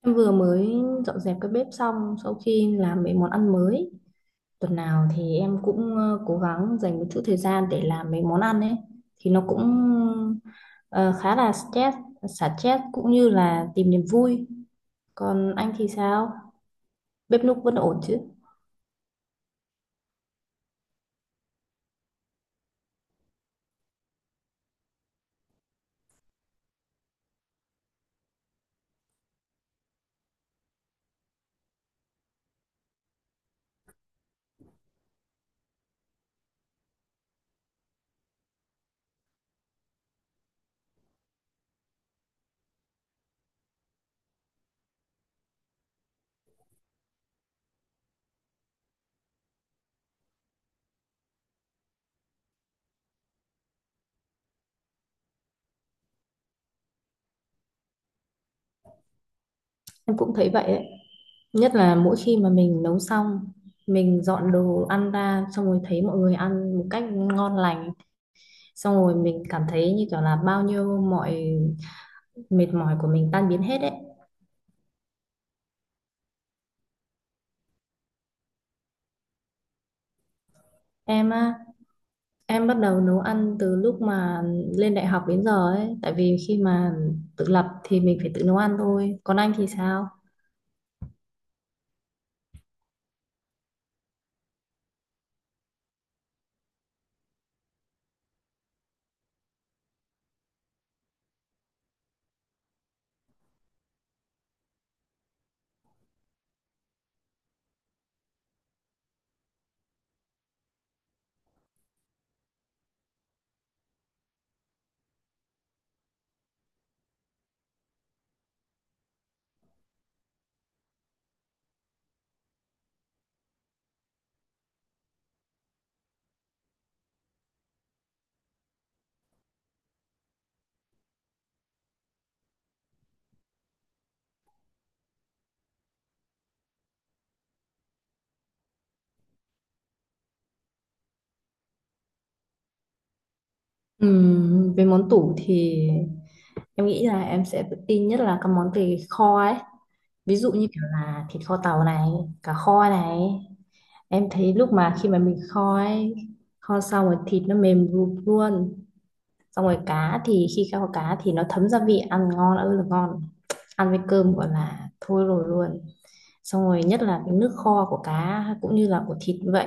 Em vừa mới dọn dẹp cái bếp xong sau khi làm mấy món ăn mới. Tuần nào thì em cũng cố gắng dành một chút thời gian để làm mấy món ăn ấy. Thì nó cũng ờ, khá là stress, xả stress cũng như là tìm niềm vui. Còn anh thì sao? Bếp núc vẫn ổn chứ? Em cũng thấy vậy ấy. Nhất là mỗi khi mà mình nấu xong, mình dọn đồ ăn ra xong rồi thấy mọi người ăn một cách ngon lành. Xong rồi mình cảm thấy như kiểu là bao nhiêu mọi mệt mỏi của mình tan biến hết ấy. Em á, em bắt đầu nấu ăn từ lúc mà lên đại học đến giờ ấy, tại vì khi mà tự lập thì mình phải tự nấu ăn thôi. Còn anh thì sao? Về món tủ thì em nghĩ là em sẽ tự tin nhất là các món về kho ấy. Ví dụ như kiểu là thịt kho tàu này, cá kho này. Em thấy lúc mà khi mà mình kho ấy, kho xong rồi thịt nó mềm rụp luôn, xong rồi cá thì khi kho cá thì nó thấm gia vị ăn ngon ơi là ngon, ăn với cơm gọi là thôi rồi luôn. Xong rồi nhất là cái nước kho của cá cũng như là của thịt như vậy,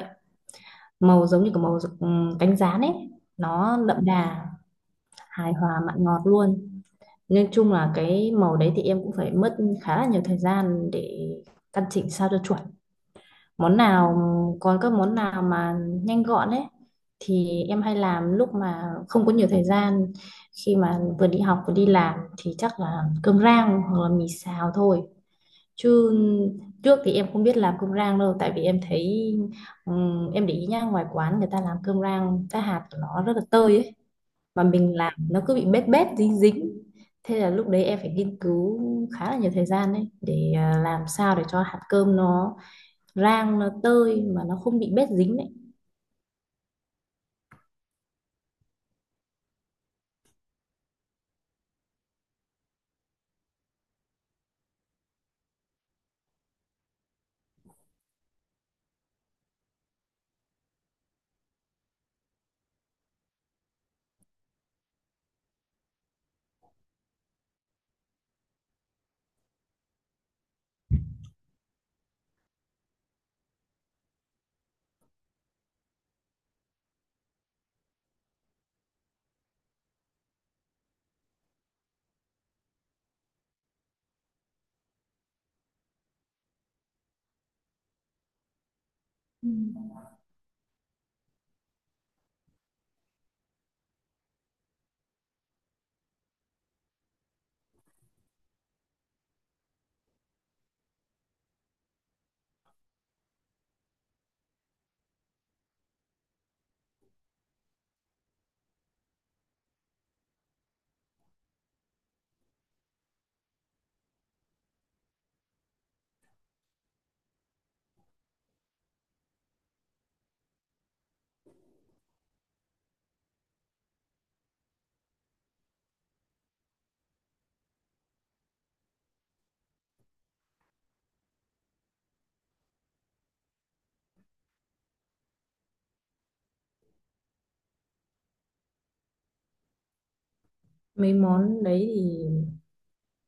màu giống như cái màu cánh gián ấy, nó đậm đà, hài hòa mặn ngọt luôn. Nhưng chung là cái màu đấy thì em cũng phải mất khá là nhiều thời gian để căn chỉnh sao cho chuẩn món nào. Còn các món nào mà nhanh gọn ấy thì em hay làm lúc mà không có nhiều thời gian, khi mà vừa đi học vừa đi làm thì chắc là cơm rang hoặc là mì xào thôi. Chứ trước thì em không biết làm cơm rang đâu, tại vì em thấy, em để ý nhá, ngoài quán người ta làm cơm rang cái hạt của nó rất là tơi ấy, mà mình làm nó cứ bị bết bết dính dính. Thế là lúc đấy em phải nghiên cứu khá là nhiều thời gian đấy để làm sao để cho hạt cơm nó rang nó tơi mà nó không bị bết dính đấy. Ừ. Mấy món đấy thì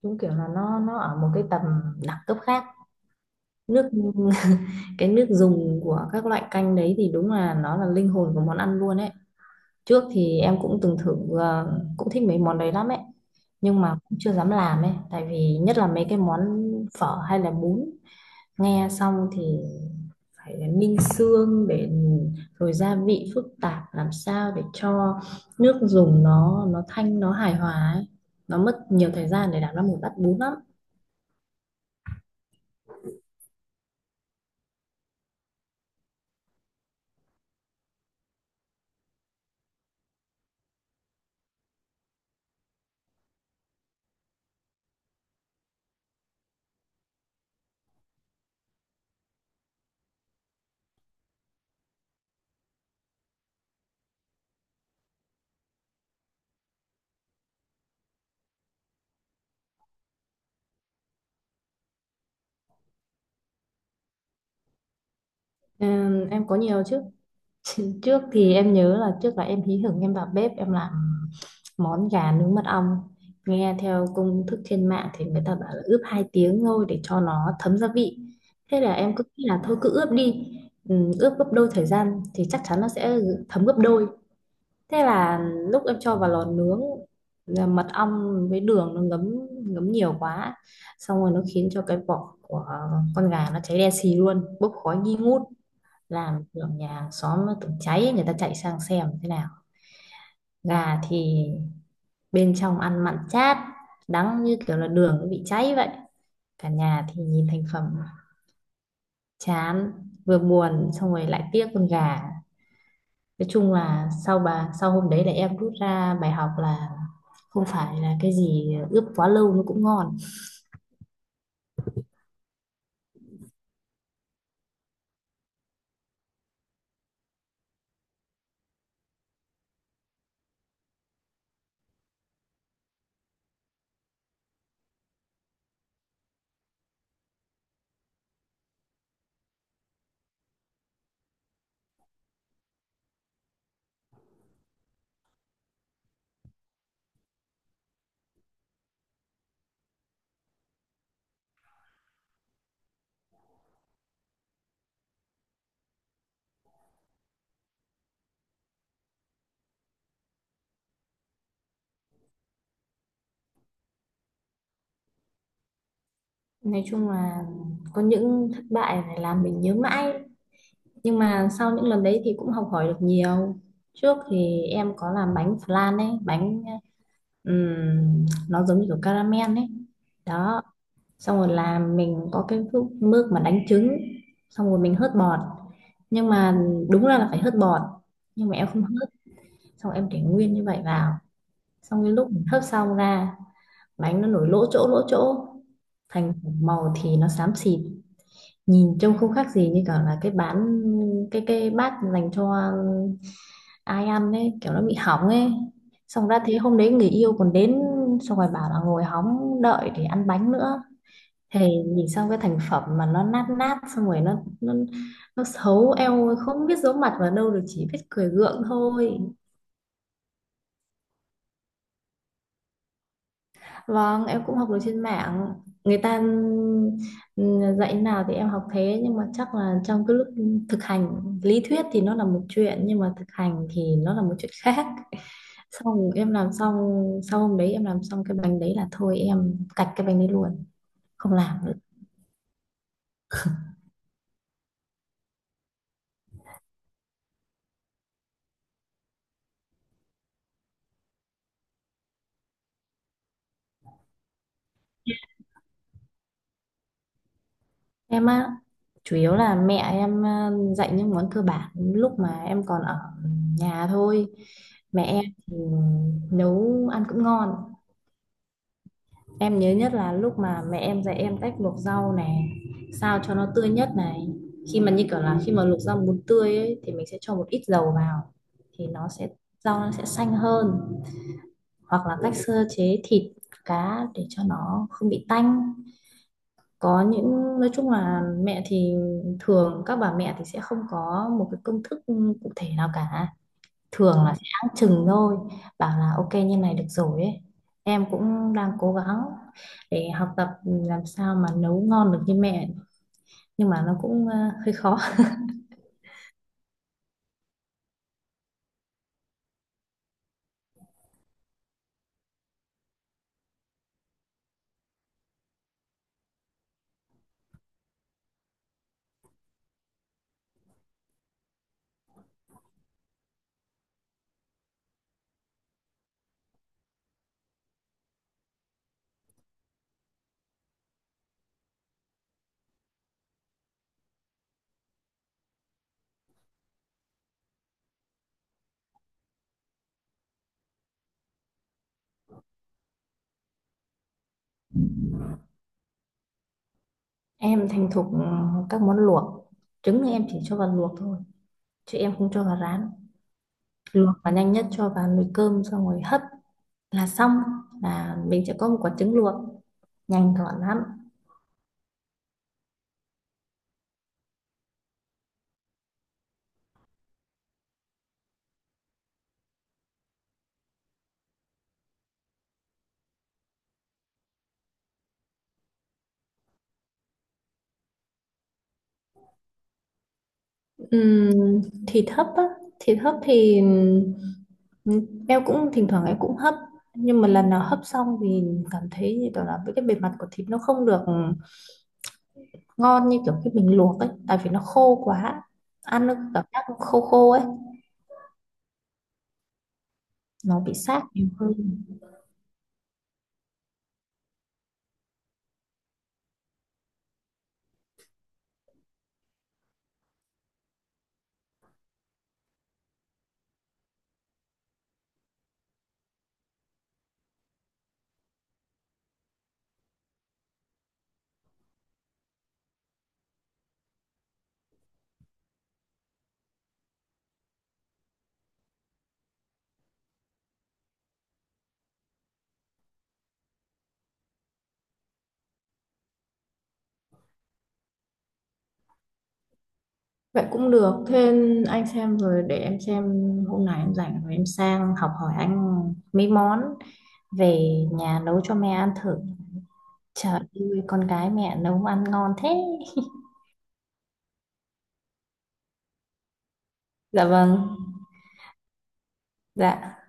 đúng kiểu là nó ở một cái tầm đẳng cấp khác, nước cái nước dùng của các loại canh đấy thì đúng là nó là linh hồn của món ăn luôn ấy. Trước thì em cũng từng thử cũng thích mấy món đấy lắm ấy, nhưng mà cũng chưa dám làm ấy, tại vì nhất là mấy cái món phở hay là bún, nghe xong thì phải ninh xương để rồi gia vị phức tạp làm sao để cho nước dùng nó thanh nó hài hòa ấy, nó mất nhiều thời gian để làm ra một bát bún lắm. Em có nhiều chứ. Trước thì em nhớ là trước là em hí hửng em vào bếp em làm món gà nướng mật ong. Nghe theo công thức trên mạng thì người ta bảo là ướp 2 tiếng thôi để cho nó thấm gia vị. Thế là em cứ nghĩ là thôi cứ ướp đi. Ừ, ướp gấp đôi thời gian thì chắc chắn nó sẽ thấm gấp đôi. Thế là lúc em cho vào lò nướng là mật ong với đường nó ngấm ngấm nhiều quá. Xong rồi nó khiến cho cái vỏ của con gà nó cháy đen xì luôn, bốc khói nghi ngút, làm tưởng nhà xóm nó tưởng cháy, người ta chạy sang xem thế nào. Gà thì bên trong ăn mặn chát, đắng như kiểu là đường nó bị cháy vậy. Cả nhà thì nhìn thành phẩm chán, vừa buồn xong rồi lại tiếc con gà. Nói chung là sau hôm đấy là em rút ra bài học là không phải là cái gì ướp quá lâu nó cũng ngon. Nói chung là có những thất bại này làm mình nhớ mãi. Nhưng mà sau những lần đấy thì cũng học hỏi được nhiều. Trước thì em có làm bánh flan ấy, bánh nó giống như kiểu caramel ấy. Đó, xong rồi làm mình có cái mức mà đánh trứng, xong rồi mình hớt bọt. Nhưng mà đúng ra là phải hớt bọt, nhưng mà em không hớt, xong rồi em để nguyên như vậy vào. Xong cái lúc mình hớt xong ra, bánh nó nổi lỗ chỗ, thành màu thì nó xám xịt, nhìn trông không khác gì như kiểu là cái bát dành cho ai ăn ấy kiểu nó bị hỏng ấy. Xong ra thế hôm đấy người yêu còn đến, xong rồi bảo là ngồi hóng đợi để ăn bánh nữa. Thì nhìn xong cái thành phẩm mà nó nát nát xong rồi nó xấu eo, không biết giấu mặt vào đâu được, chỉ biết cười gượng thôi. Vâng, em cũng học được trên mạng. Người ta dạy nào thì em học thế, nhưng mà chắc là trong cái lúc thực hành lý thuyết thì nó là một chuyện nhưng mà thực hành thì nó là một chuyện khác. Xong em làm xong, sau hôm đấy em làm xong cái bánh đấy là thôi em cạch cái bánh đấy luôn, không làm nữa. Em á, chủ yếu là mẹ em dạy những món cơ bản lúc mà em còn ở nhà thôi. Mẹ em thì nấu ăn cũng ngon. Em nhớ nhất là lúc mà mẹ em dạy em cách luộc rau này, sao cho nó tươi nhất này. Khi mà như kiểu là khi mà luộc rau muốn tươi ấy, thì mình sẽ cho một ít dầu vào, thì nó sẽ, rau nó sẽ xanh hơn. Hoặc là cách sơ chế thịt cá để cho nó không bị tanh. Có những, nói chung là mẹ thì, thường các bà mẹ thì sẽ không có một cái công thức cụ thể nào cả, thường Ừ. là sẽ áng chừng thôi, bảo là ok như này được rồi ấy. Em cũng đang cố gắng để học tập làm sao mà nấu ngon được như mẹ, nhưng mà nó cũng hơi khó. Em thành thục các món luộc. Trứng thì em chỉ cho vào luộc thôi chứ em không cho vào rán, luộc và nhanh nhất cho vào nồi cơm xong rồi hấp là xong, là mình sẽ có một quả trứng luộc nhanh gọn lắm. Ừm, thịt hấp á, thịt hấp thì ừm, em cũng thỉnh thoảng em cũng hấp, nhưng mà lần nào hấp xong thì cảm thấy như kiểu là với cái bề mặt của thịt nó không được ngon như kiểu khi mình luộc ấy, tại vì nó khô quá, ăn nó cảm giác nó khô khô ấy, nó bị sát nhiều hơn. Vậy cũng được, thế anh xem rồi để em xem hôm nào em rảnh rồi em sang học hỏi anh mấy món, về nhà nấu cho mẹ ăn thử. Trời ơi, con gái mẹ nấu ăn ngon thế. Dạ vâng. Dạ.